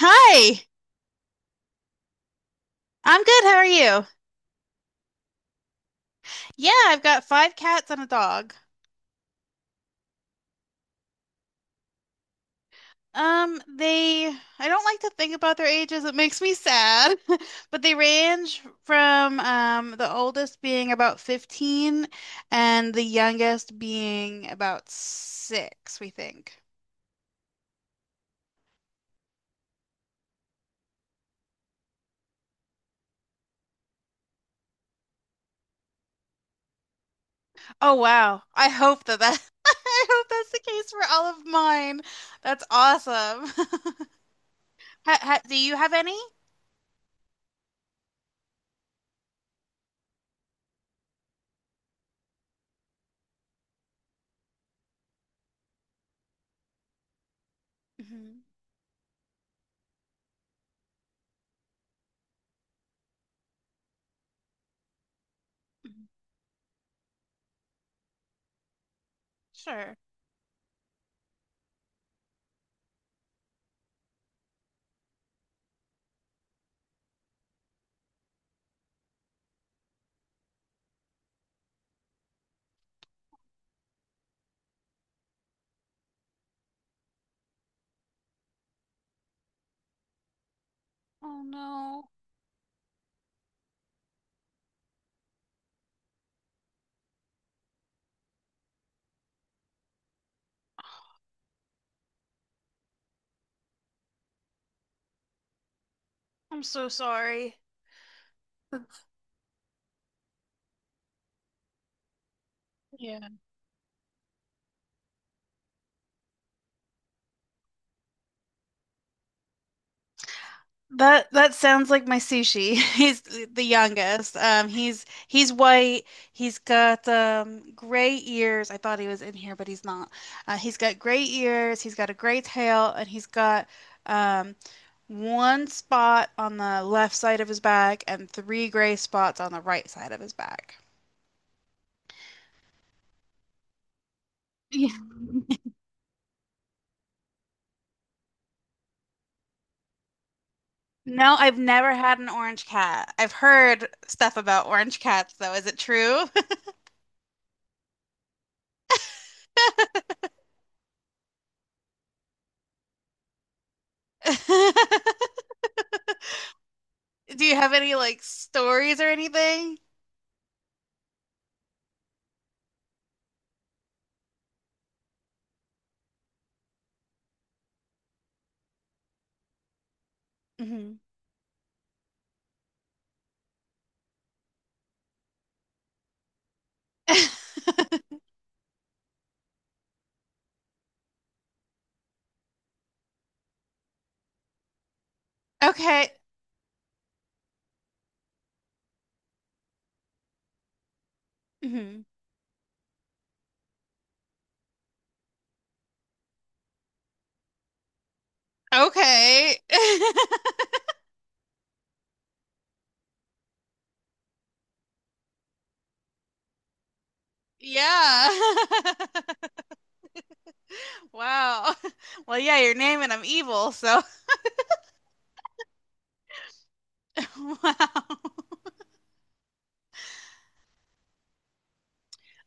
Hi, I'm good. How are you? Yeah, I've got five cats and a dog. I don't like to think about their ages. It makes me sad. But they range from the oldest being about 15 and the youngest being about 6, we think. Oh wow. I hope that that I hope that's the case for all of mine. That's awesome. Ha, ha, do you have any? Mhm. Mhm. Sure. Oh no. I'm so sorry. Yeah. That sounds like my Sushi. He's the youngest. He's white. He's got gray ears. I thought he was in here, but he's not. He's got gray ears. He's got a gray tail, and he's got um one spot on the left side of his back and three gray spots on the right side of his back. Yeah. No, I've never had an orange cat. I've heard stuff about orange cats, though. Is it true? Do you have any like stories or anything? Hmm. Okay. Hmm. Okay. Yeah. Wow. Well, yeah, you're naming I'm evil, so Wow.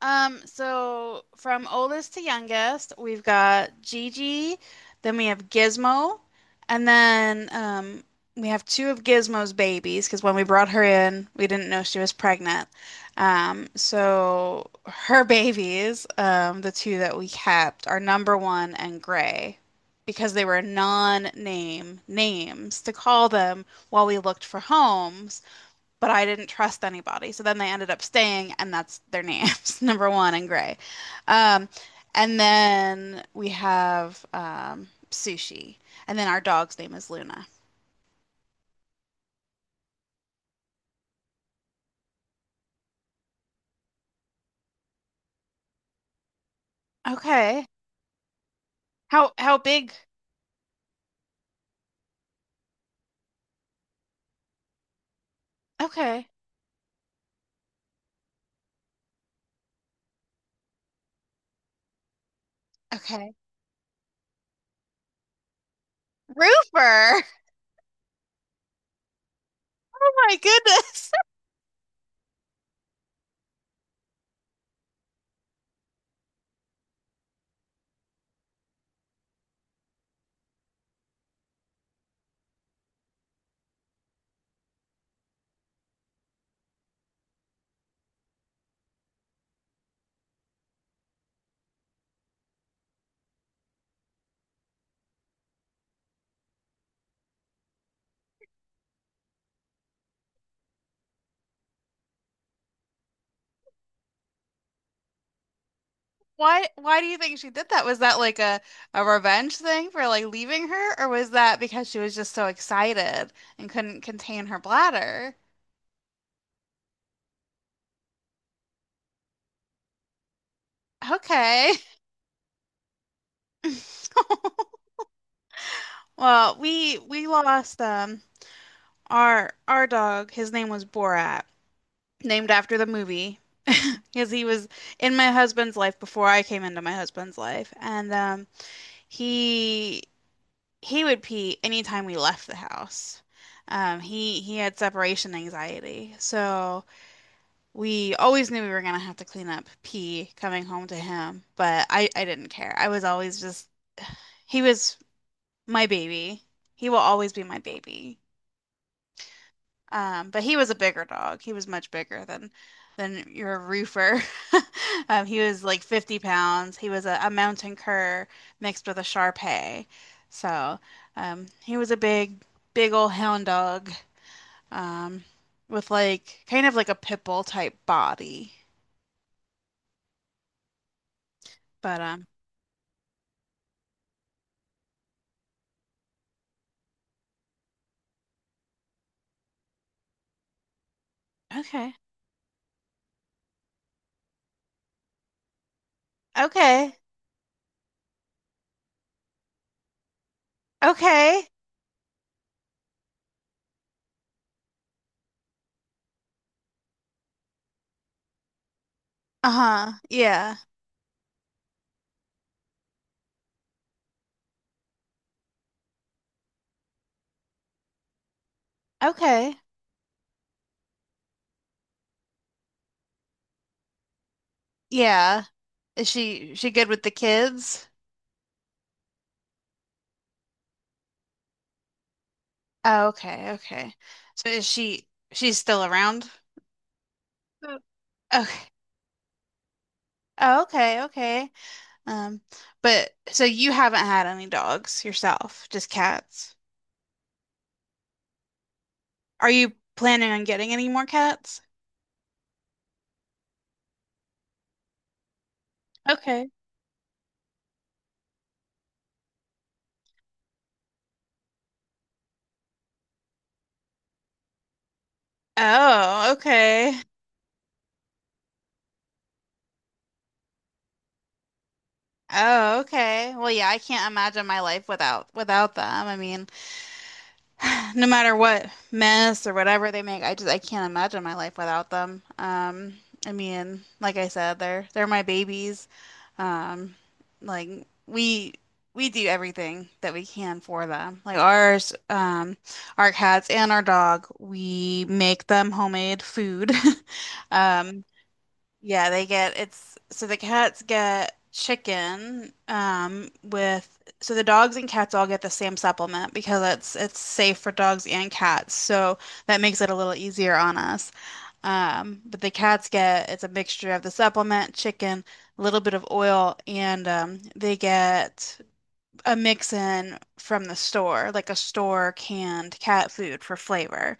So from oldest to youngest, we've got Gigi, then we have Gizmo, and then we have two of Gizmo's babies because when we brought her in, we didn't know she was pregnant. So her babies, the two that we kept, are number one and Gray because they were non-name names to call them while we looked for homes, but I didn't trust anybody. So then they ended up staying, and that's their names, number one and Gray. Um, and then we have Sushi, and then our dog's name is Luna. Okay. How big? Okay. Okay. Roofer. Oh my goodness. Why do you think she did that? Was that like a revenge thing for like leaving her, or was that because she was just so excited and couldn't contain her bladder? Okay. Well, we lost our dog. His name was Borat, named after the movie, because he was in my husband's life before I came into my husband's life, and he he would pee anytime we left the house. He had separation anxiety, so we always knew we were gonna have to clean up pee coming home to him, but I didn't care. I was always just he was my baby. He will always be my baby. But he was a bigger dog. He was much bigger than your Roofer. He was like 50 pounds. He was a mountain cur mixed with a Shar Pei. So he was a big, big old hound dog, um, with like kind of like a pit bull type body. But Okay, okay, okay. Uh-huh. Yeah. Okay. Yeah. Is she good with the kids? Oh, okay, okay. So is she she's still around? So, Okay. Oh, okay, okay. Um, but so you haven't had any dogs yourself, just cats. Are you planning on getting any more cats? Okay. Oh, okay. Oh, okay. Well, yeah, I can't imagine my life without them. I mean, no matter what mess or whatever they make, I can't imagine my life without them. I mean, like I said, they're my babies. Um, like we we do everything that we can for them. Like our cats and our dog, we make them homemade food. Um, yeah, they get it's so the cats get chicken, with so the dogs and cats all get the same supplement because it's safe for dogs and cats. So that makes it a little easier on us. But the cats get it's a mixture of the supplement, chicken, a little bit of oil, and they get a mix in from the store, like a store canned cat food for flavor.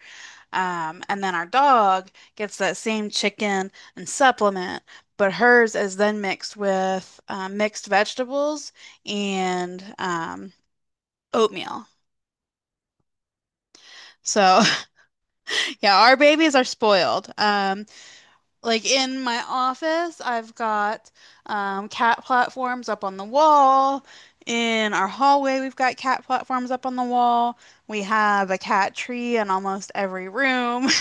And then our dog gets that same chicken and supplement, but hers is then mixed with mixed vegetables and oatmeal. So, yeah, our babies are spoiled. Like in my office, I've got cat platforms up on the wall. In our hallway, we've got cat platforms up on the wall. We have a cat tree in almost every room.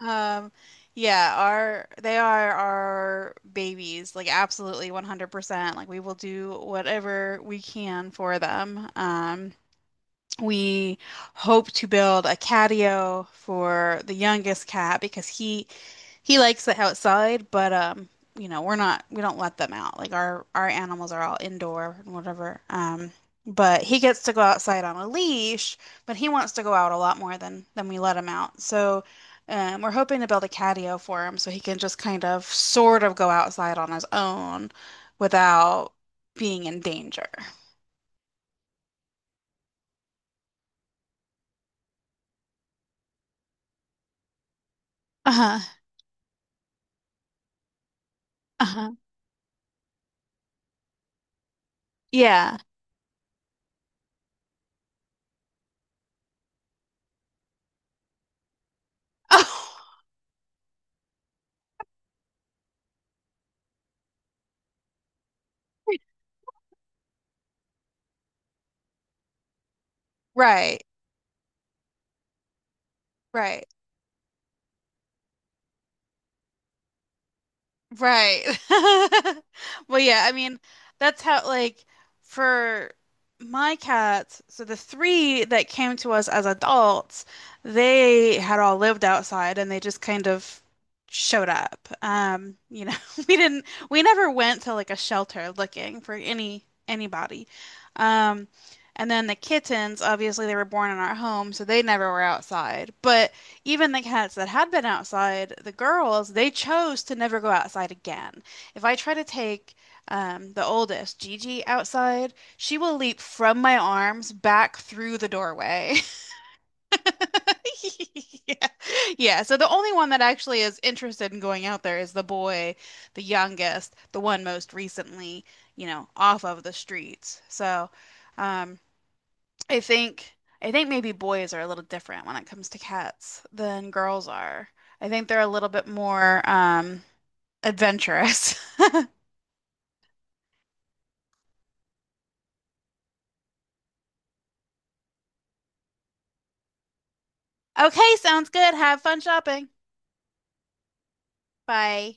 Um, yeah, our they are our babies, like absolutely 100%. Like we will do whatever we can for them. We hope to build a catio for the youngest cat because he likes the outside, but we don't let them out. Like our animals are all indoor and whatever. But he gets to go outside on a leash, but he wants to go out a lot more than we let him out. So, we're hoping to build a catio for him so he can just kind of sort of go outside on his own without being in danger. Uh-huh. Uh-huh. Yeah. Right, right, right. Well, yeah, I mean, that's how, like, for my cats, so the three that came to us as adults, they had all lived outside and they just kind of showed up. We didn't, we never went to like a shelter looking for anybody. Um, and then the kittens, obviously, they were born in our home, so they never were outside. But even the cats that had been outside, the girls, they chose to never go outside again. If I try to take the oldest, Gigi, outside, she will leap from my arms back through the doorway. Yeah. Yeah, so the only one that actually is interested in going out there is the boy, the youngest, the one most recently, off of the streets. So, um, I think I think maybe boys are a little different when it comes to cats than girls are. I think they're a little bit more adventurous. Okay, sounds good. Have fun shopping. Bye.